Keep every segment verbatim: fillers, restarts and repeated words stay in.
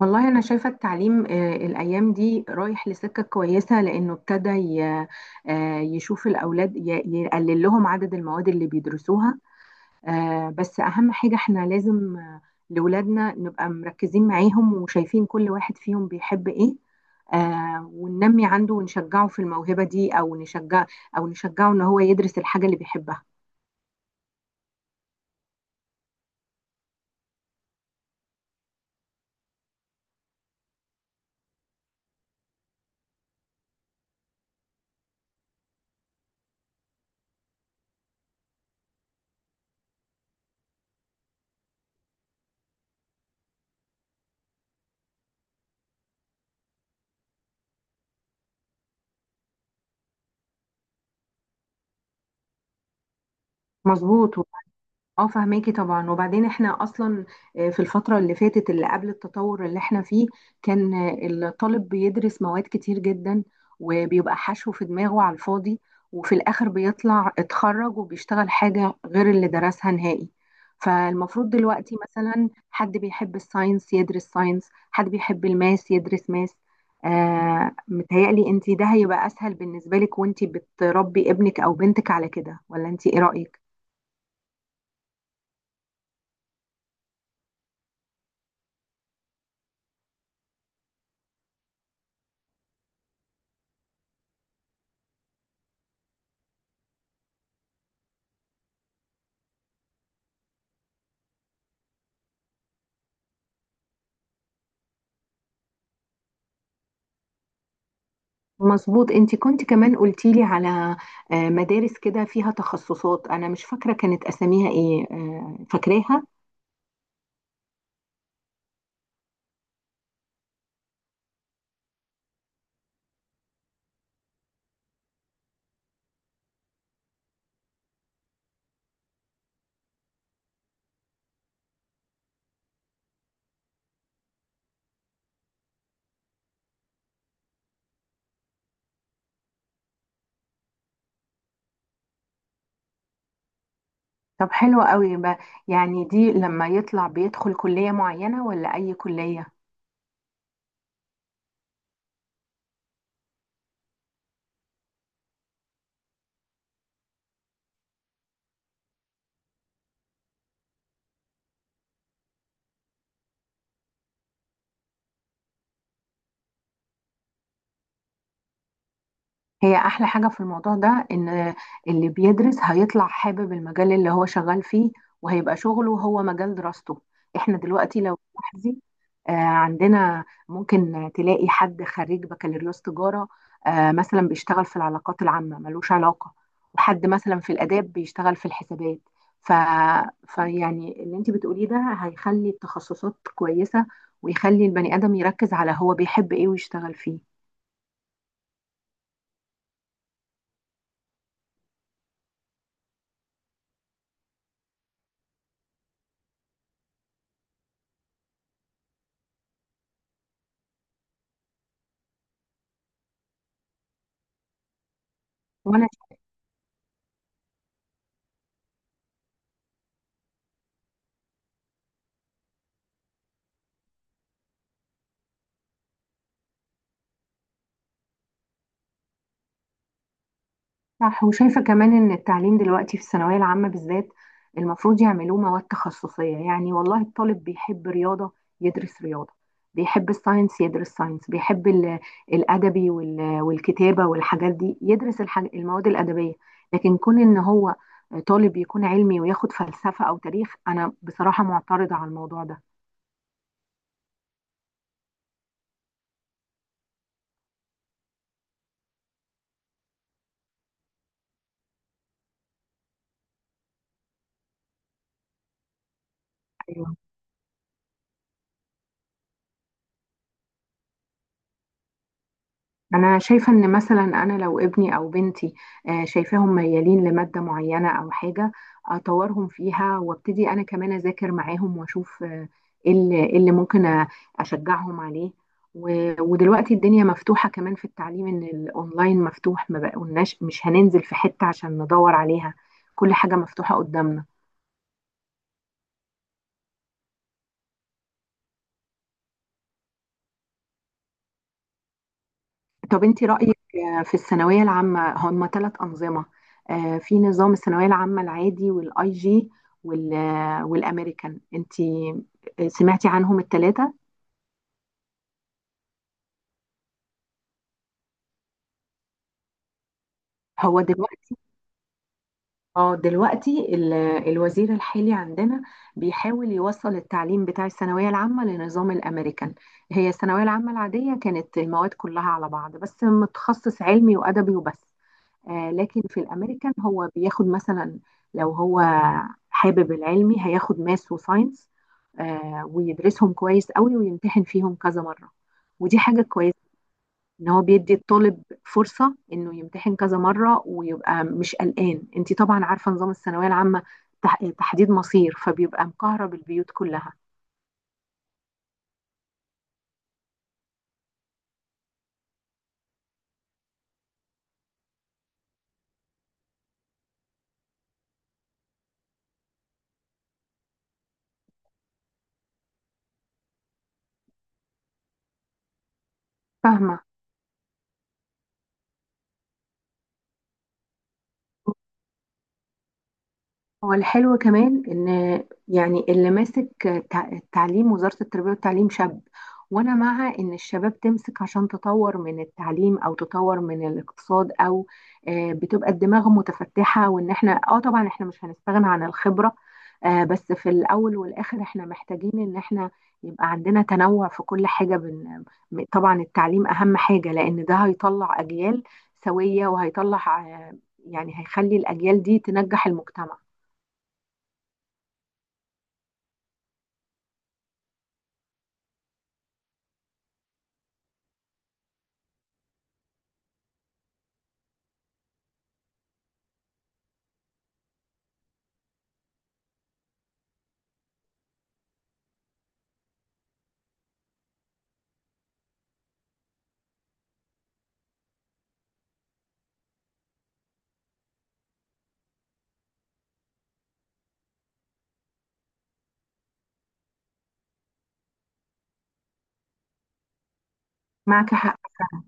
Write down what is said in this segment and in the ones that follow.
والله أنا شايفة التعليم آه، الأيام دي رايح لسكة كويسة، لأنه ابتدى ي- آه، يشوف الأولاد ي- يقلل لهم عدد المواد اللي بيدرسوها. آه، بس أهم حاجة احنا لازم آه، لولادنا نبقى مركزين معاهم وشايفين كل واحد فيهم بيحب إيه، آه، وننمي عنده ونشجعه في الموهبة دي، أو نشجع أو نشجعه إن هو يدرس الحاجة اللي بيحبها. مظبوط. اه، فهماكي طبعا. وبعدين احنا اصلا آه، في الفترة اللي فاتت، اللي قبل التطور اللي احنا فيه، كان آه، الطالب بيدرس مواد كتير جدا، وبيبقى حشو في دماغه على الفاضي، وفي الاخر بيطلع اتخرج وبيشتغل حاجة غير اللي درسها نهائي. فالمفروض دلوقتي مثلا حد بيحب الساينس يدرس ساينس، حد بيحب الماس يدرس ماس. آه متهيألي انتي ده هيبقى اسهل بالنسبة لك وانتي بتربي ابنك او بنتك على كده، ولا انتي ايه رأيك؟ مظبوط. انت كنت كمان قلتي لي على آه، مدارس كده فيها تخصصات، انا مش فاكره كانت اساميها ايه، آه، فاكراها؟ طب حلوة قوي بقى. يعني دي لما يطلع بيدخل كليه معينه ولا اي كليه؟ هي احلى حاجة في الموضوع ده ان اللي بيدرس هيطلع حابب المجال اللي هو شغال فيه، وهيبقى شغله هو مجال دراسته. احنا دلوقتي لو تلاحظي آه، عندنا ممكن تلاقي حد خريج بكالوريوس تجارة آه، مثلا بيشتغل في العلاقات العامة، ملوش علاقة. وحد مثلا في الآداب بيشتغل في الحسابات. ف... فيعني اللي انت بتقوليه ده هيخلي التخصصات كويسة، ويخلي البني آدم يركز على هو بيحب ايه ويشتغل فيه. وانا صح. وشايفة كمان إن التعليم دلوقتي في الثانوية العامة بالذات المفروض يعملوه مواد تخصصية، يعني والله الطالب بيحب رياضة يدرس رياضة، بيحب الساينس يدرس ساينس، بيحب ال- الأدبي وال- والكتابة والحاجات دي يدرس الحاج- المواد الأدبية. لكن كون إن هو طالب يكون علمي وياخد فلسفة أو تاريخ، أنا بصراحة معترضة على الموضوع ده. أنا شايفة إن مثلا أنا لو ابني أو بنتي آه، شايفاهم ميالين لمادة معينة أو حاجة، أطورهم فيها وابتدي أنا كمان أذاكر معاهم وأشوف آه، إيه اللي إيه اللي ممكن أ- أشجعهم عليه. و- ودلوقتي الدنيا مفتوحة كمان في التعليم، إن الأونلاين مفتوح، ما بقولناش مش هننزل في حتة عشان ندور عليها، كل حاجة مفتوحة قدامنا. طب انت رأيك آه، في الثانوية العامة؟ هم ثلاث أنظمة، آه، في نظام الثانوية العامة العادي، والاي جي، وال- آه، والامريكان. انت آه، سمعتي عنهم الثلاثة؟ هو دلوقتي. اه دلوقتي ال- الوزير الحالي عندنا بيحاول يوصل التعليم بتاع الثانوية العامة لنظام الامريكان. هي الثانوية العامة العادية كانت المواد كلها على بعض، بس متخصص علمي وأدبي وبس. آه، لكن في الامريكان هو بياخد مثلا، لو هو حابب العلمي هياخد ماس وساينس، آه، ويدرسهم كويس قوي ويمتحن فيهم كذا مرة. ودي حاجة كويسة، ان هو بيدي الطالب فرصة انه يمتحن كذا مرة ويبقى مش قلقان. انتي طبعا عارفة نظام الثانوية العامة، تح- تحديد مصير، فبيبقى مكهرب البيوت كلها. فاهمة. هو الحلو كمان ان، يعني اللي ماسك تع- التعليم، وزارة التربية والتعليم، شاب. وانا مع ان الشباب تمسك، عشان تطور من التعليم او تطور من الاقتصاد، او آه، بتبقى الدماغ متفتحة. وان احنا اه طبعا احنا مش هنستغنى عن الخبرة، آه، بس في الاول والاخر احنا محتاجين ان احنا يبقى عندنا تنوع في كل حاجة. بن... م- طبعا التعليم اهم حاجة، لان ده هيطلع اجيال سوية، وهيطلع آه، يعني هيخلي الاجيال دي تنجح المجتمع. معك حق فعلا.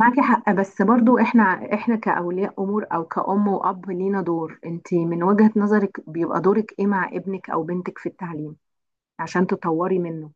معك حق، بس برضو احنا احنا كأولياء امور، او كأم وأب، لينا دور. انت من وجهة نظرك بيبقى دورك ايه مع ابنك او بنتك في التعليم عشان تطوري منه؟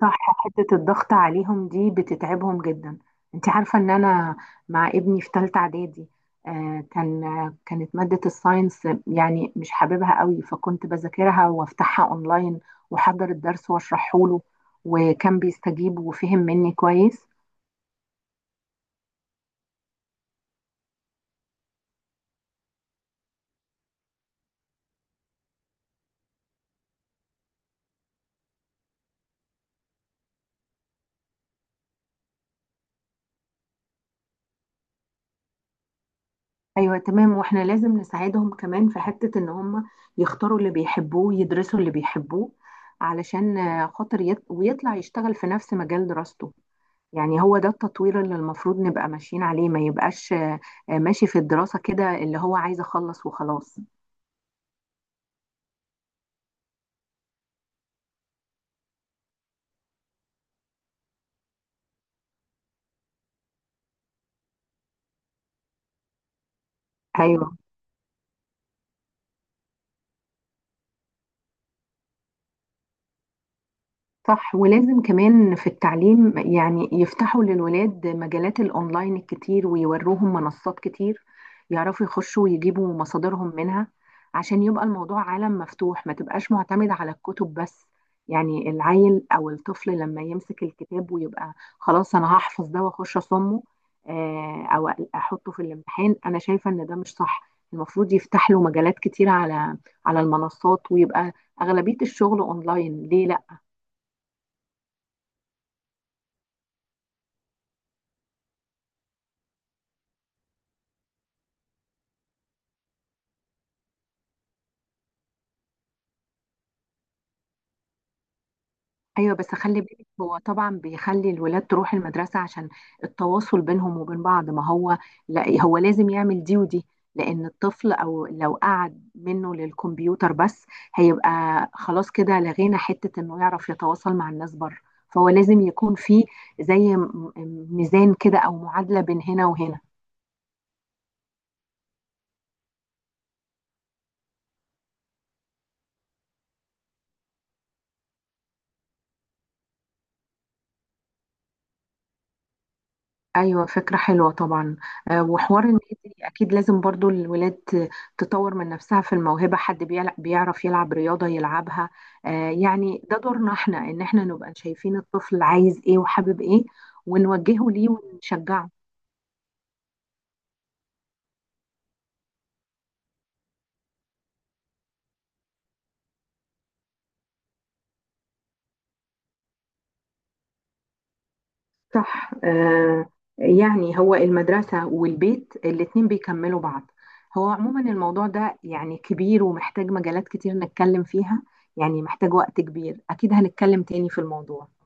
صح. حتة الضغط عليهم دي بتتعبهم جدا. انت عارفة ان انا مع ابني في تالتة اعدادي، آه كان آه، كانت مادة الساينس يعني مش حاببها قوي، فكنت بذاكرها وافتحها اونلاين، واحضر الدرس واشرحه له، وكان بيستجيب وفهم مني كويس. ايوه، تمام. واحنا لازم نساعدهم كمان في حتة ان هم يختاروا اللي بيحبوه، يدرسوا اللي بيحبوه، علشان آه، خاطر يط... ويطلع يشتغل في نفس مجال دراسته. يعني هو ده التطوير اللي المفروض نبقى ماشيين عليه، ما يبقاش آه، آه، ماشي في الدراسة كده اللي هو عايز اخلص وخلاص. ايوه، صح. ولازم كمان في التعليم يعني يفتحوا للولاد مجالات الأونلاين الكتير، ويوروهم منصات كتير، يعرفوا يخشوا ويجيبوا مصادرهم منها، عشان يبقى الموضوع عالم مفتوح، ما تبقاش معتمد على الكتب بس. يعني العيل أو الطفل لما يمسك الكتاب ويبقى، خلاص أنا هحفظ ده وأخش أصمه آه، أو أحطه في الامتحان، أنا شايفة إن ده مش صح. المفروض يفتح له مجالات كتير على على المنصات، ويبقى أغلبية الشغل أونلاين. ليه لا؟ ايوه، بس خلي بالك هو طبعا بيخلي الولاد تروح المدرسه عشان التواصل بينهم وبين بعض. ما هو لا، هو لازم يعمل دي ودي. لان الطفل او لو قعد منه للكمبيوتر بس، هيبقى خلاص كده لغينا حته انه يعرف يتواصل مع الناس بره. فهو لازم يكون في زي م- م- ميزان كده او معادله بين هنا وهنا. ايوه، فكره حلوه طبعا. آه، وحوار النادي اكيد لازم برضو الولاد ت- تطور من نفسها في الموهبه. حد بيلع- بيعرف يلعب رياضه يلعبها. آه، يعني ده دورنا احنا، ان احنا نبقى شايفين الطفل عايز ايه وحابب ايه، ونوجهه ليه ونشجعه. صح. آه، يعني هو المدرسه والبيت الاتنين بيكملوا بعض. هو عموما الموضوع ده يعني كبير ومحتاج مجالات كتير نتكلم فيها، يعني محتاج وقت كبير. اكيد هنتكلم تاني في الموضوع.